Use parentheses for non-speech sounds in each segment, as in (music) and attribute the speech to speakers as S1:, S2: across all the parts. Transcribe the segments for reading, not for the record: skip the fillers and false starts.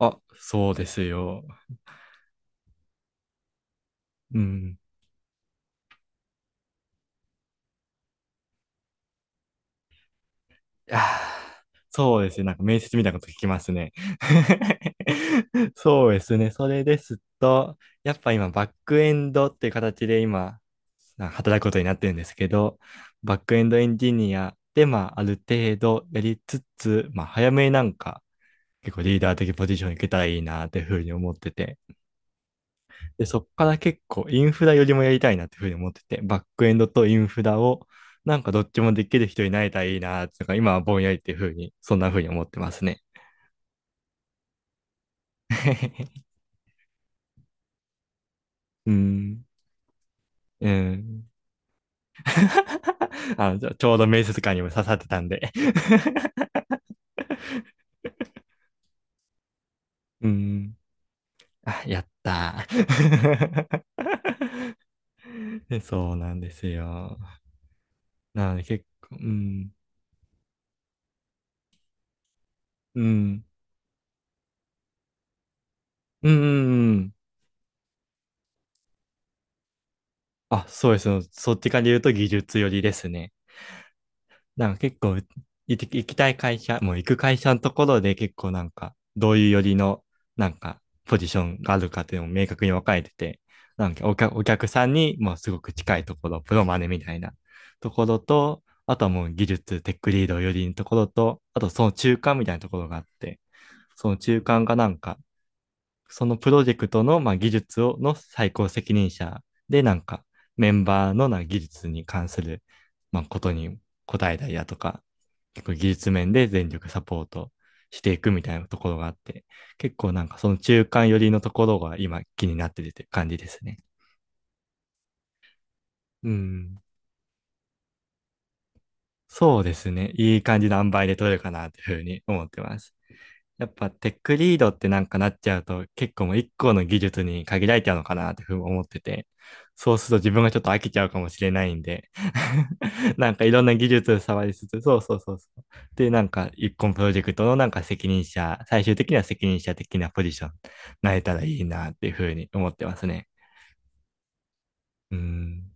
S1: あ、そうですよ。うん。そうですね。面接みたいなこと聞きますね。(laughs) そうですね。それですと、やっぱ今、バックエンドっていう形で今、働くことになってるんですけど、バックエンドエンジニアで、ある程度やりつつ、早めに結構リーダー的ポジションに行けたらいいなっていうふうに思ってて。で、そっから結構インフラよりもやりたいなっていうふうに思ってて、バックエンドとインフラをどっちもできる人になれたらいいなとか、今はぼんやりっていうふうに、そんなふうに思ってますね。(laughs) うーん。うーん。(laughs) あのちょうど面接官にも刺さってたんで (laughs) うーん。(laughs) あ、やったー (laughs) でそうなんですよ。なので結構、うん。うん。うん、うんうん。あ、そうです。そっちから言うと技術寄りですね。結構、行きたい会社、もう行く会社のところで結構どういうよりの、ポジションがあるかっていうのも明確に分かれてて、お客さんにもうすごく近いところ、プロマネみたいなところと、あとはもう技術、テックリードよりのところと、あとその中間みたいなところがあって、その中間がそのプロジェクトの、技術を、の最高責任者で、メンバーの技術に関する、まあ、ことに答えたりだとか、結構技術面で全力サポートしていくみたいなところがあって、結構その中間寄りのところが今気になってるって感じですね。うん。そうですね。いい感じの塩梅で取れるかなというふうに思ってます。やっぱテックリードってなっちゃうと結構もう一個の技術に限られちゃうのかなってふうに思ってて、そうすると自分がちょっと飽きちゃうかもしれないんで (laughs)、いろんな技術を触りつつ、そうそうそうそう。で、一個のプロジェクトの責任者、最終的には責任者的なポジション、なれたらいいなっていうふうに思ってますね。うーん。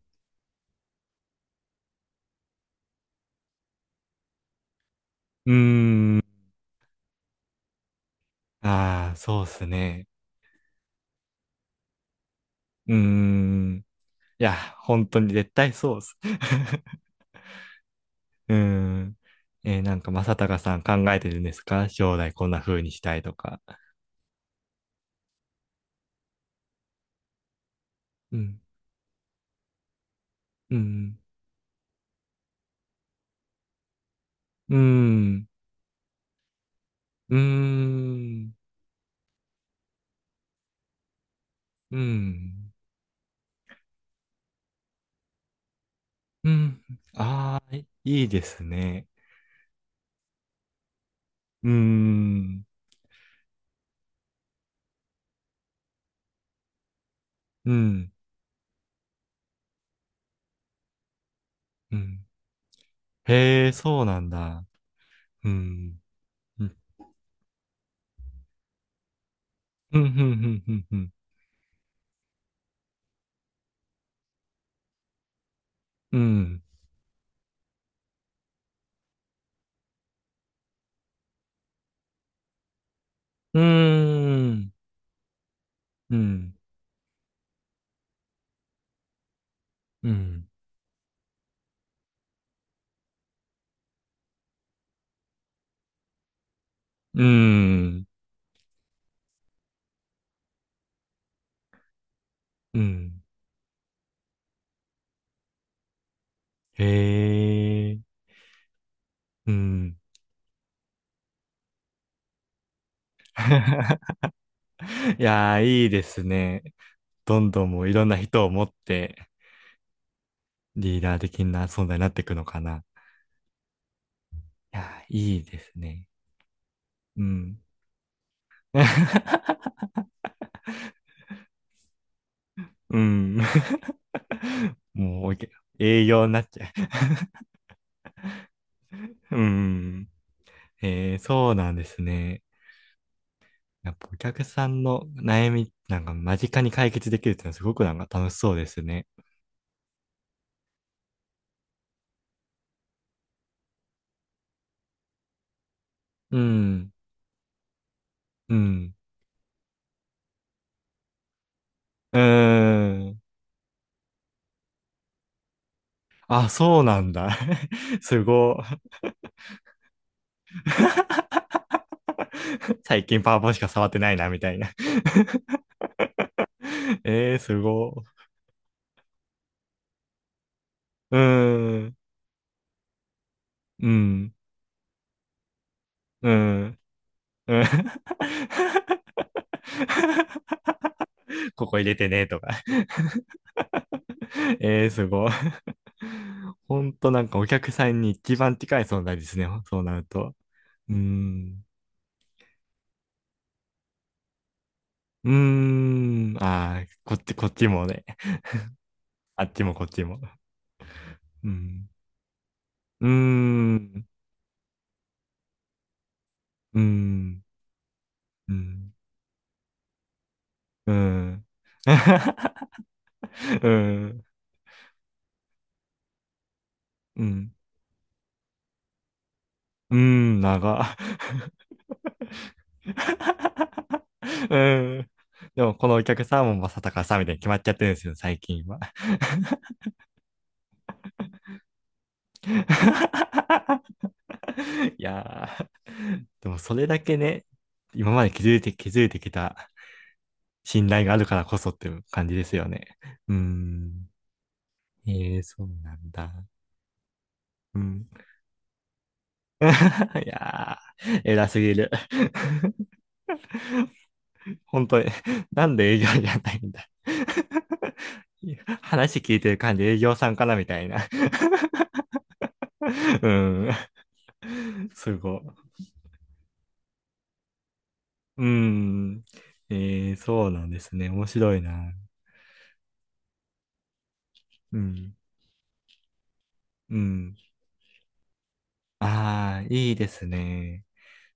S1: うーん。ああ、そうっすね。うーん。いや、本当に絶対そうっす。(laughs) うん。正隆さん考えてるんですか将来こんな風にしたいとか。うん。うん。うん。うん。うん。うん。ああ、いいですね。うん。うん。うん。へえ、そうなんだ。うん。うん。うん。うん。うん。うん。うん。うん。うん。うん。うん。うんへえ。うん。(laughs) (laughs) いやー、いいですね。どんどんもういろんな人を持ってリーダー的な存在になっていくのかな。いやー、いいですね。うん。(laughs) うん。(laughs) もうおけ、営業になっちゃう。うん。(laughs) えー、そうなんですね。やっぱお客さんの悩み間近に解決できるっていうのはすごく楽しそうですね。うん。うん。うーん。あ、そうなんだ。(laughs) すご。(laughs) 最近パワポンしか触ってないな、みたいな。(laughs) えー、すごい。うーん、うん、うん、うん。(laughs) ここ入れてね、とか。(laughs) えー、すごい。(laughs) ほんとお客さんに一番近い存在ですね、そうなると。うーん、うーん、ああこっちもね。あっちもこっちも。うん、うーん、うーん、うん、うん、(laughs) うん、うん。うーん、長。(laughs) うん。でも、このお客さんも正隆さんみたいに決まっちゃってるんですよ、最近は。(laughs) いやー、でもそれだけね、今まで築いて、築いてきた信頼があるからこそっていう感じですよね。うーん。ええそうなんだ。うん。(laughs) いやー、偉すぎる。(laughs) 本当に。(laughs) なんで営業じゃないんだ。(laughs) 話聞いてる感じ営業さんかなみたいな。(laughs) うん。すごい。うん。えー、そうなんですね。面白いな。うん。うん。ああ、いいですね。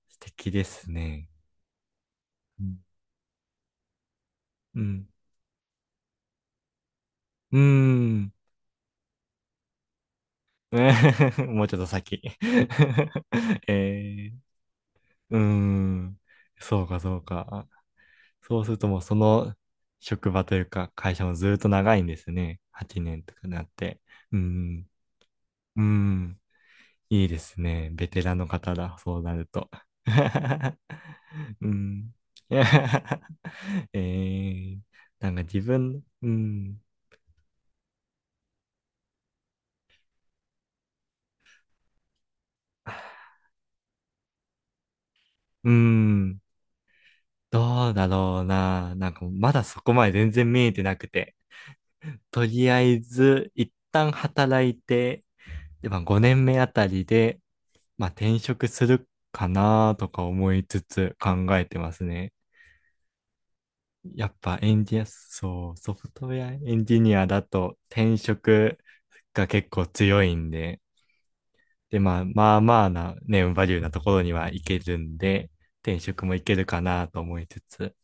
S1: 素敵ですね。うん。うん。うん (laughs) もうちょっと先。(laughs) えーうーん。そうか。そうするともうその職場というか会社もずっと長いんですね。8年とかなって。うん。うん。いいですね。ベテランの方だ。そうなると。(laughs) うん。(laughs) えー、自分、うん。うん。どうだろうな。まだそこまで全然見えてなくて。とりあえず、一旦働いて、で、まあ5年目あたりで、まあ転職するかなとか思いつつ考えてますね。やっぱエンジニア、そう、ソフトウェアエンジニアだと転職が結構強いんで、で、まあまあまあなネームバリューなところにはいけるんで、転職もいけるかなと思いつつ、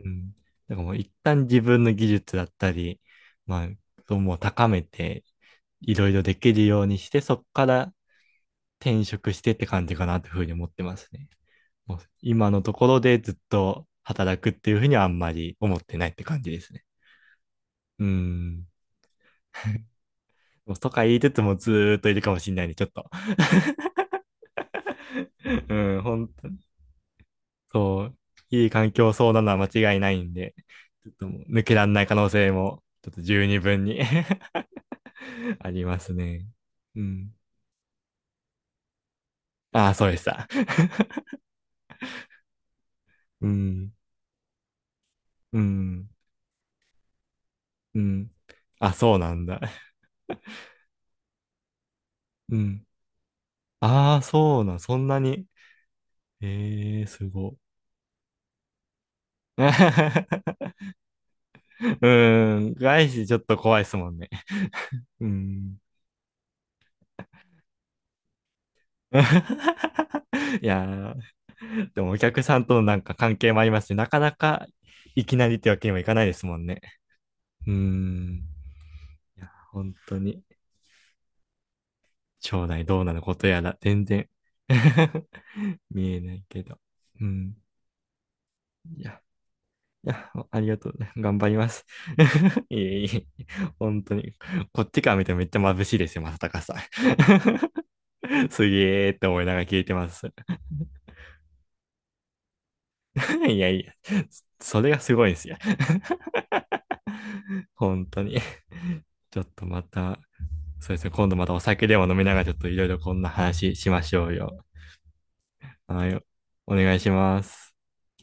S1: うん。だからもう一旦自分の技術だったり、まあ、そうもう高めて、いろいろできるようにして、そこから転職してって感じかなというふうに思ってますね。もう今のところでずっと働くっていうふうにはあんまり思ってないって感じですね。うーん。(laughs) もうとか言いつつもずーっといるかもしれないんで、ちょっと。(laughs) うん、本当に。そう。いい環境そうなのは間違いないんで、ちょっともう抜けられない可能性も、ちょっと十二分に (laughs) ありますね。うん。ああ、そうでした。(laughs) うん。うん。うん。あ、そうなんだ。うん。ああ、そうなん、そんなに。ええー、すご。(laughs) うーん、外資ちょっと怖いですもんね。うーん。(laughs) いやー、でもお客さんとの関係もありますし、なかなかいきなりってわけにもいかないですもんね。うーん、本当に、将来どうなることやら、全然 (laughs) 見えないけど。うん。いやいや、ありがとう。(laughs) 頑張ります。(laughs) いえいえ、本当に。こっちから見てもめっちゃ眩しいですよ、正隆さん。(laughs) すげーって思いながら聞いてます。(laughs) いやいや、それがすごいんですよ。本当に。ちょっとまた、そうですね、今度またお酒でも飲みながらちょっといろいろこんな話しましょうよ。はい、お願いします。